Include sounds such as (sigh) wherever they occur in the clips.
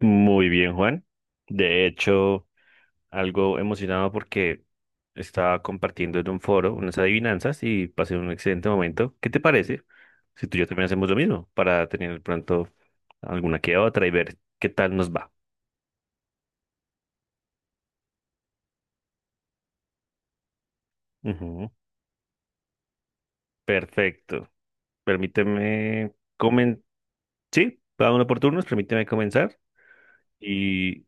Muy bien, Juan. De hecho, algo emocionado porque estaba compartiendo en un foro unas adivinanzas y pasé un excelente momento. ¿Qué te parece si tú y yo también hacemos lo mismo para tener pronto alguna que otra y ver qué tal nos va? Ujú. Perfecto. Permíteme comen... Sí, cada uno por turnos, permíteme comenzar y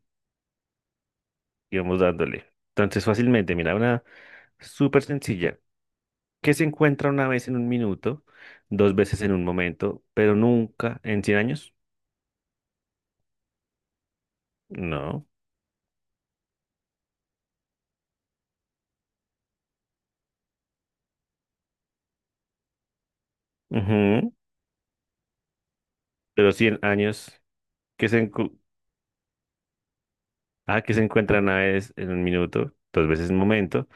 y vamos dándole. Entonces, fácilmente, mira, una súper sencilla que se encuentra una vez en un minuto, dos veces en un momento, pero nunca en 100 años. No. Ujú. Pero 100 años que se, encu- ah, que se encuentra una vez en un minuto, dos veces en un momento,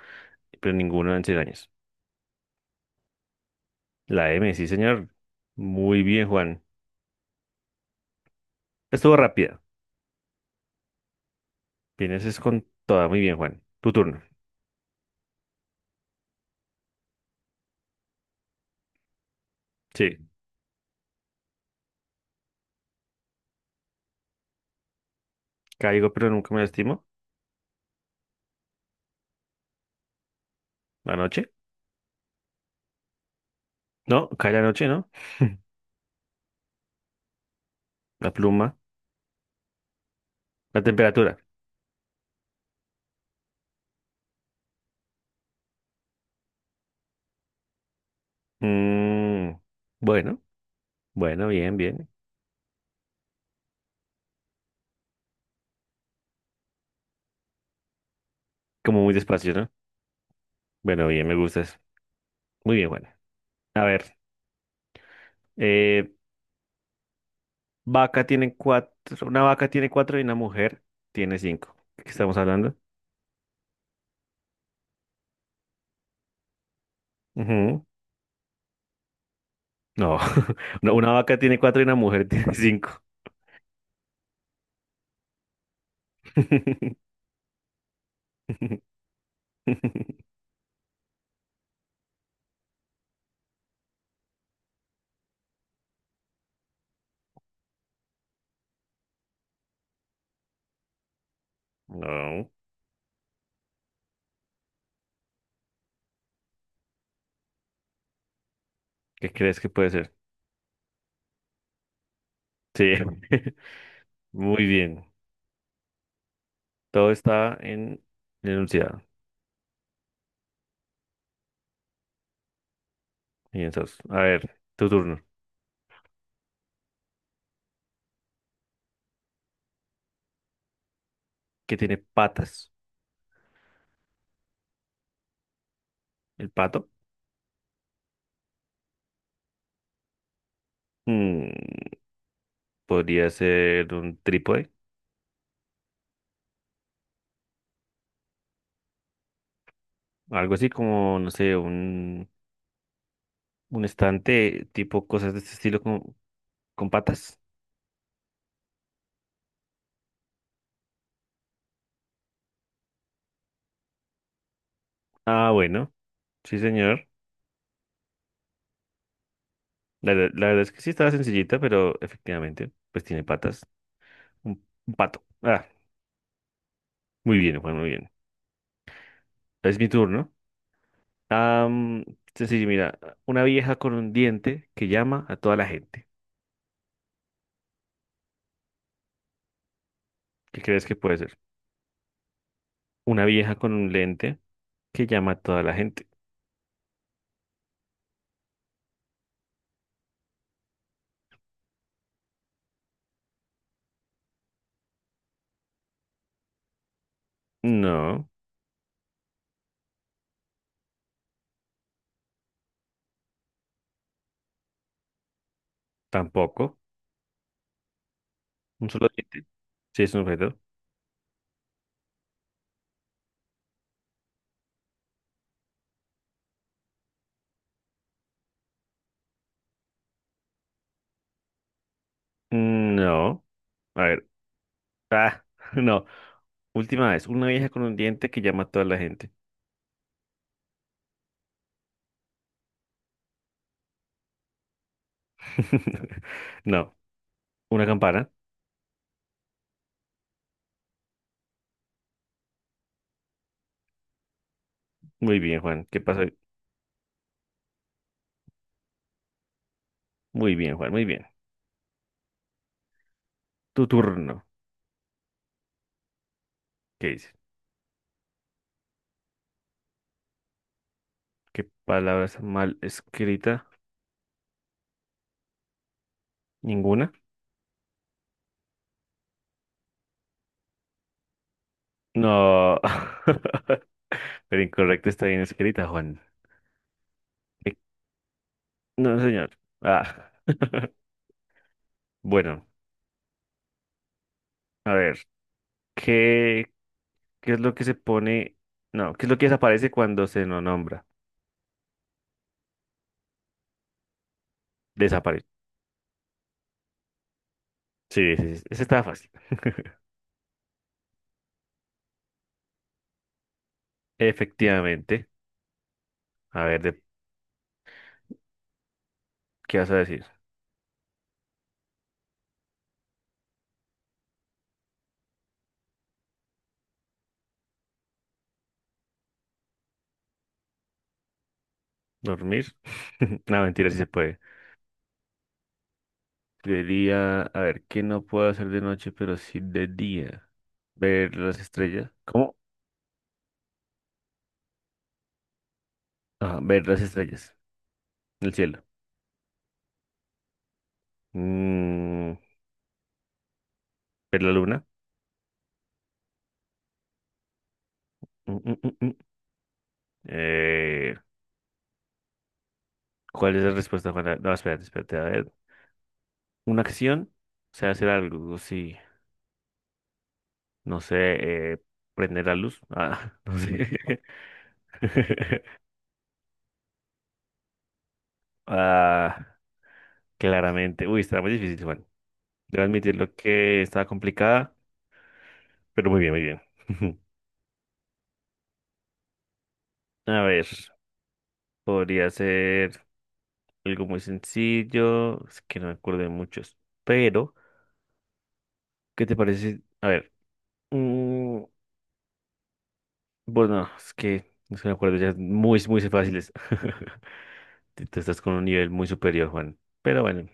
pero ninguno en 100 años. La M, sí, señor. Muy bien, Juan. Estuvo rápida. Vienes es con toda. Muy bien, Juan. Tu turno. Sí. Caigo, pero nunca me lastimo. La noche. No, cae la noche, ¿no? La pluma. La temperatura. Mm, bueno, bueno, bien, bien. Como muy despacio, ¿no? Bueno, bien, me gusta eso. Muy bien, bueno. A ver, eh, una vaca tiene cuatro y una mujer tiene cinco. ¿De qué estamos hablando? Ujú. No. (laughs) No, una vaca tiene cuatro y una mujer tiene cinco. (laughs) No, ¿qué crees que puede ser? Sí, (laughs) muy bien. Todo está en el enunciado. Piensas. A ver, tu turno. ¿Qué tiene patas? ¿El pato? Mm, podría ser un trípode. Algo así como, no sé, un estante tipo cosas de este estilo con patas. Ah, bueno, sí, señor. La, la verdad es que sí estaba sencillita, pero efectivamente, pues tiene patas. Un pato. Ah, muy bien, Juan, muy bien. Es mi turno. Am, sencillo, mira, una vieja con un diente que llama a toda la gente. ¿Qué crees que puede ser? Una vieja con un lente que llama a toda la gente. No, tampoco. Un solo diente. Sí, es un objeto. No. A ver. Ah, (laughs) no. Última vez, una vieja con un diente que llama a toda la gente. (laughs) No, una campana. Muy bien, Juan. ¿Qué pasa? Muy bien, Juan, muy bien. Tu turno. ¿Qué dice? ¿Qué palabras mal escrita? ¿Ninguna? No. (laughs) Pero incorrecta está bien escrita, Juan. Eh, No, señor. Ah, bueno, a ver. ¿Qué, qué es lo que se pone? No, ¿qué es lo que desaparece cuando se no nombra? Desaparece. Sí, sí, sí. Ese estaba fácil. (laughs) Efectivamente. A ver, ¿qué vas a decir? ¿Dormir? (laughs) No, mentira, sí se puede. Debería, a ver, ¿qué no puedo hacer de noche, pero sí de día? Ver las estrellas. ¿Cómo? Ah, ver las estrellas el cielo. Mm, ver la luna. Mm, mm, mm, mm. Eh, ¿Cuál es la respuesta, Juana? No, espérate, espérate. A ver, ¿una acción? O sea, hacer algo, sí. No sé, prender la luz. Ah, (laughs) no sé. (laughs) Ah, claramente. Uy, está muy difícil, Juan. Debo admitirlo que estaba complicada, pero muy bien, muy bien. (laughs) A ver, podría ser algo muy sencillo, es que no me acuerdo de muchos, pero ¿qué te parece? A ver, mm, bueno, es que no se me acuerdo, ya es muy, muy fáciles. (laughs) Tú estás con un nivel muy superior, Juan. Pero bueno,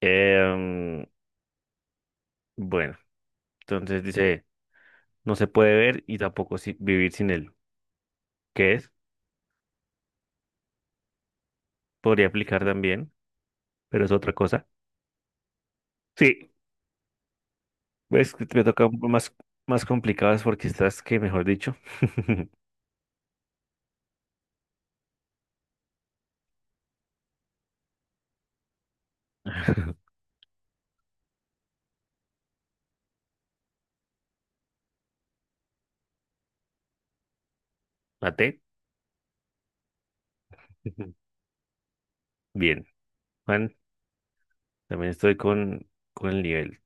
em, bueno, entonces dice, no se puede ver y tampoco vivir sin él. ¿Qué es? Podría aplicar también, pero es otra cosa. Sí. Pues que me toca un poco más, más complicadas porque estás que, mejor dicho, (laughs) maté. Ujú. Bien, Juan, también estoy con el nivel.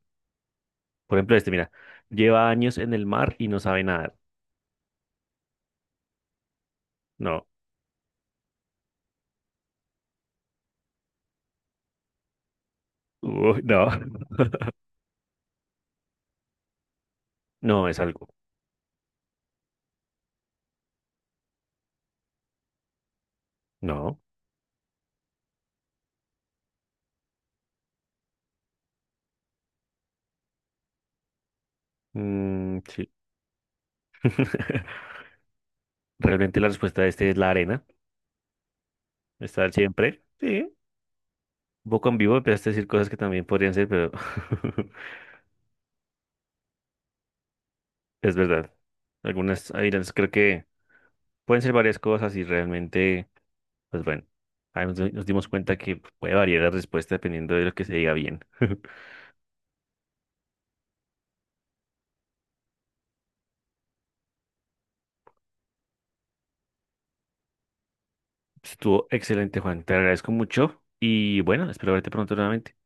Por ejemplo, este, mira, lleva años en el mar y no sabe nadar. No. Uy, no, (laughs) no es algo. No. Mm, sí. (laughs) Realmente la respuesta de este es la arena. Está siempre. Sí, un poco en vivo empezaste a decir cosas que también podrían ser, pero (laughs) es verdad. Algunas, ahí creo que pueden ser varias cosas y realmente. Pues bueno, ahí nos dimos cuenta que puede variar la respuesta dependiendo de lo que se diga bien. (laughs) Estuvo excelente, Juan. Te agradezco mucho y bueno, espero verte pronto nuevamente.